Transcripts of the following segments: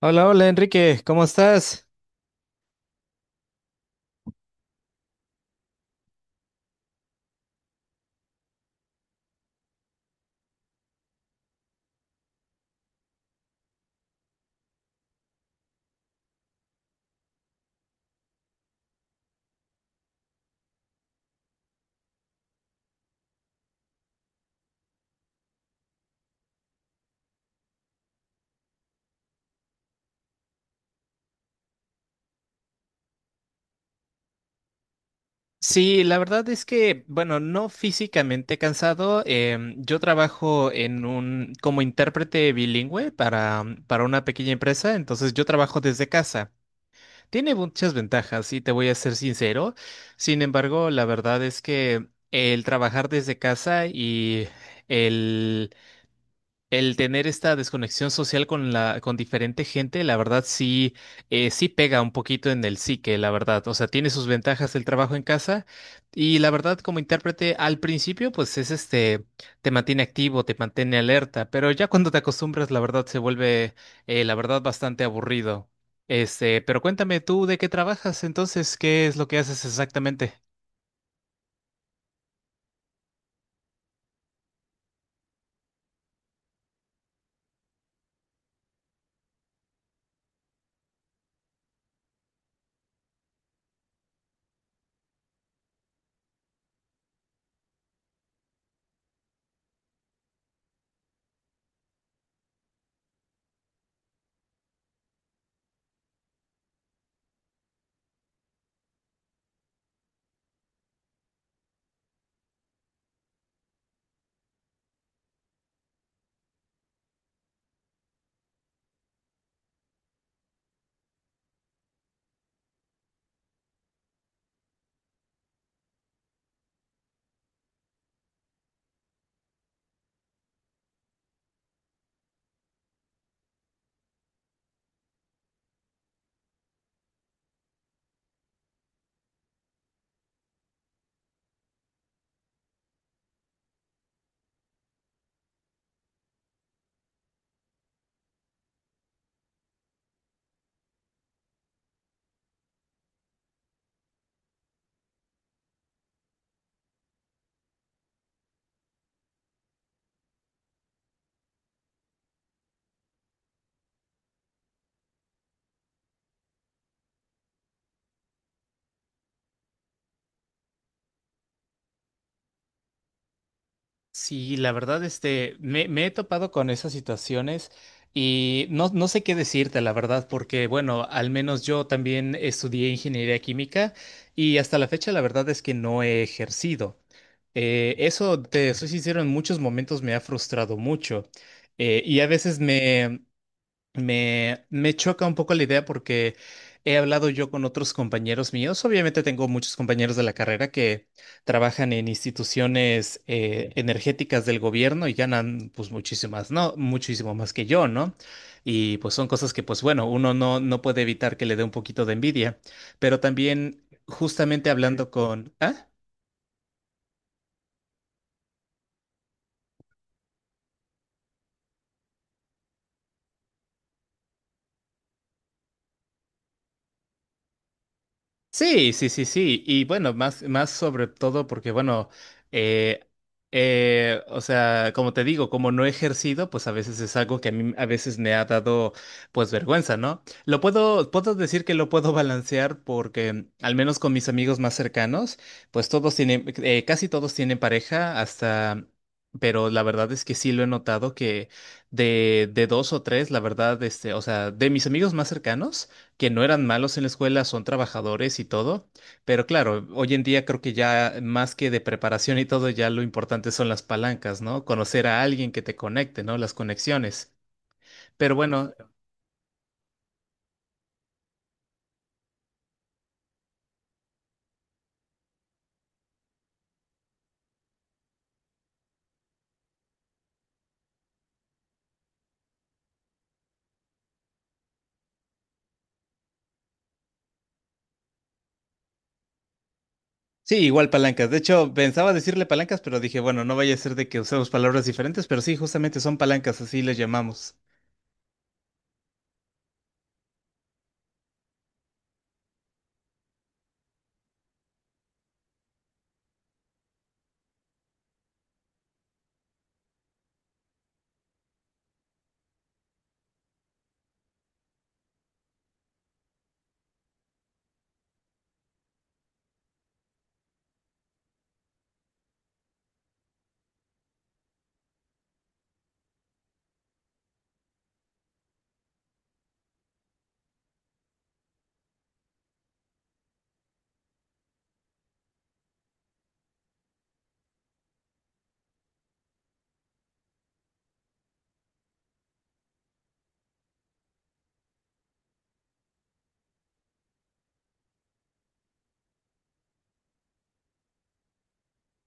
Hola, hola Enrique, ¿cómo estás? Sí, la verdad es que, bueno, no físicamente cansado. Yo trabajo en un, como intérprete bilingüe para una pequeña empresa, entonces yo trabajo desde casa. Tiene muchas ventajas, y te voy a ser sincero. Sin embargo, la verdad es que el trabajar desde casa y el El tener esta desconexión social con la, con diferente gente, la verdad sí, sí pega un poquito en el psique, la verdad. O sea, tiene sus ventajas el trabajo en casa y la verdad como intérprete al principio, pues es este, te mantiene activo, te mantiene alerta, pero ya cuando te acostumbras, la verdad se vuelve, la verdad, bastante aburrido. Este, pero cuéntame tú de qué trabajas entonces, ¿qué es lo que haces exactamente? Sí, la verdad, este, me he topado con esas situaciones y no, no sé qué decirte, la verdad, porque, bueno, al menos yo también estudié ingeniería química y hasta la fecha la verdad es que no he ejercido. Eso, te soy sincero, en muchos momentos me ha frustrado mucho, y a veces me choca un poco la idea porque he hablado yo con otros compañeros míos. Obviamente tengo muchos compañeros de la carrera que trabajan en instituciones, energéticas del gobierno y ganan pues muchísimas, no, muchísimo más que yo, ¿no? Y pues son cosas que pues bueno, uno no, no puede evitar que le dé un poquito de envidia. Pero también justamente hablando con... ¿Ah? Sí, sí, sí, sí. Y bueno, más sobre todo porque, bueno, eh, o sea, como te digo, como no he ejercido, pues a veces es algo que a mí a veces me ha dado, pues, vergüenza, ¿no? Puedo decir que lo puedo balancear porque, al menos con mis amigos más cercanos, pues todos tienen, casi todos tienen pareja hasta... Pero la verdad es que sí lo he notado que de dos o tres, la verdad, este, o sea, de mis amigos más cercanos, que no eran malos en la escuela, son trabajadores y todo, pero claro, hoy en día creo que ya más que de preparación y todo, ya lo importante son las palancas, ¿no? Conocer a alguien que te conecte, ¿no? Las conexiones. Pero bueno, sí, igual palancas. De hecho, pensaba decirle palancas, pero dije, bueno, no vaya a ser de que usemos palabras diferentes, pero sí, justamente son palancas, así les llamamos.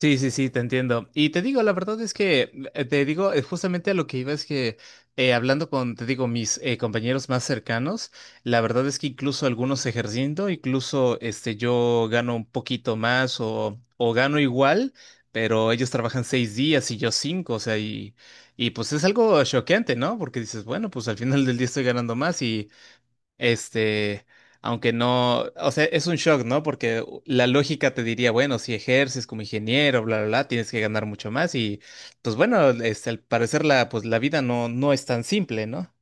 Sí, sí, sí, te entiendo. Y te digo, la verdad es que, te digo, justamente a lo que iba es que, hablando con, te digo, mis compañeros más cercanos, la verdad es que incluso algunos ejerciendo, incluso este, yo gano un poquito más o gano igual, pero ellos trabajan seis días y yo cinco, o sea, y pues es algo choqueante, ¿no? Porque dices, bueno, pues al final del día estoy ganando más este, aunque no, o sea, es un shock, ¿no? Porque la lógica te diría, bueno, si ejerces como ingeniero, bla, bla, bla, tienes que ganar mucho más y, pues bueno, este, al parecer la, pues la vida no, no es tan simple, ¿no?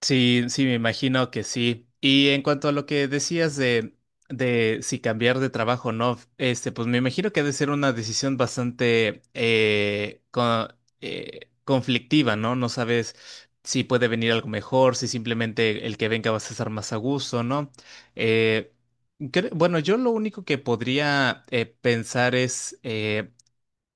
Sí, sí, me imagino que sí. Y en cuanto a lo que decías de si cambiar de trabajo o no, este, pues me imagino que ha de ser una decisión bastante conflictiva, ¿no? No sabes si puede venir algo mejor, si simplemente el que venga vas a estar más a gusto, ¿no? Eh, bueno, yo lo único que podría pensar es eh,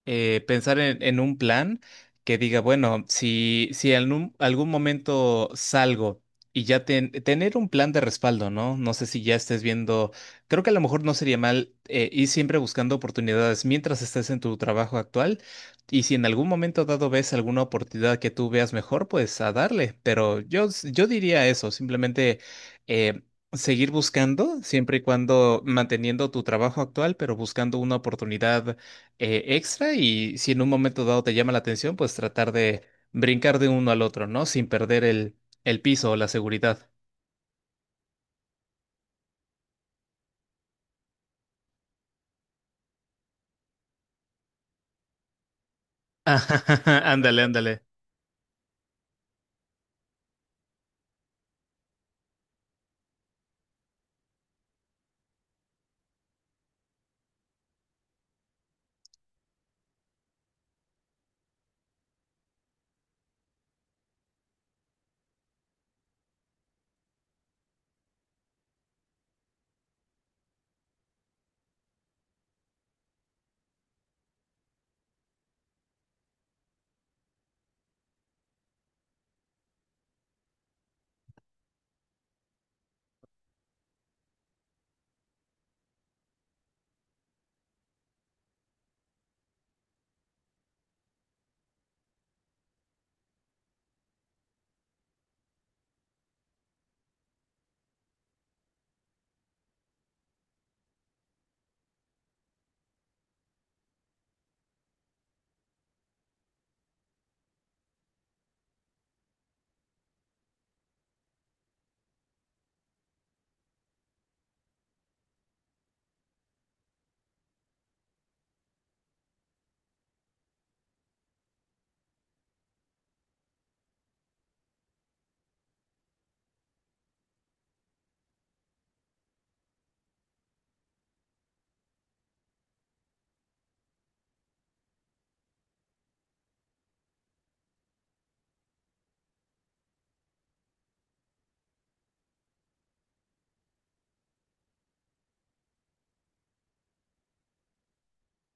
eh, pensar en un plan que diga, bueno, si en un- algún momento salgo y tener un plan de respaldo, ¿no? No sé si ya estés viendo, creo que a lo mejor no sería mal, ir siempre buscando oportunidades mientras estés en tu trabajo actual y si en algún momento dado ves alguna oportunidad que tú veas mejor, pues a darle, pero yo, yo diría eso, simplemente... eh, seguir buscando, siempre y cuando manteniendo tu trabajo actual, pero buscando una oportunidad extra y si en un momento dado te llama la atención, pues tratar de brincar de uno al otro, ¿no? Sin perder el piso o la seguridad. Ándale, ándale.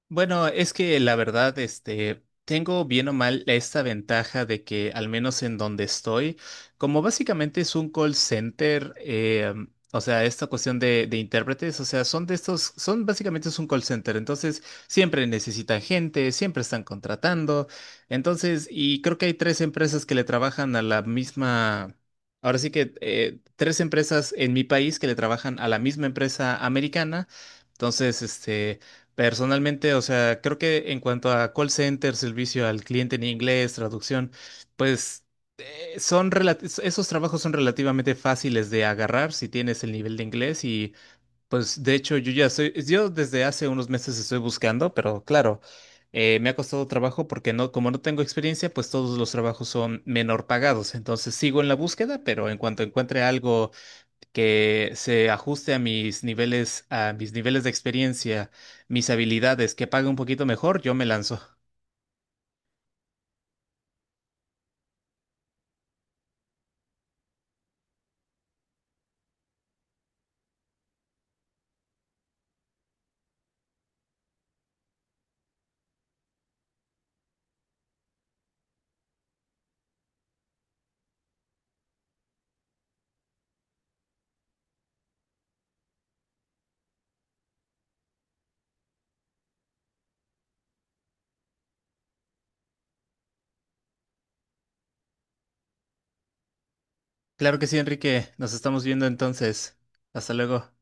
Bueno, es que la verdad, este, tengo bien o mal esta ventaja de que al menos en donde estoy, como básicamente es un call center, o sea, esta cuestión de intérpretes, o sea, son de estos, son básicamente es un call center, entonces siempre necesitan gente, siempre están contratando, entonces, y creo que hay tres empresas que le trabajan a la misma... Ahora sí que tres empresas en mi país que le trabajan a la misma empresa americana. Entonces, este, personalmente, o sea, creo que en cuanto a call center, servicio al cliente en inglés, traducción, pues esos trabajos son relativamente fáciles de agarrar si tienes el nivel de inglés y pues de hecho yo ya estoy, yo desde hace unos meses estoy buscando, pero claro, me ha costado trabajo porque no, como no tengo experiencia, pues todos los trabajos son menor pagados, entonces sigo en la búsqueda, pero en cuanto encuentre algo que se ajuste a mis niveles de experiencia, mis habilidades, que pague un poquito mejor, yo me lanzo. Claro que sí, Enrique. Nos estamos viendo entonces. Hasta luego.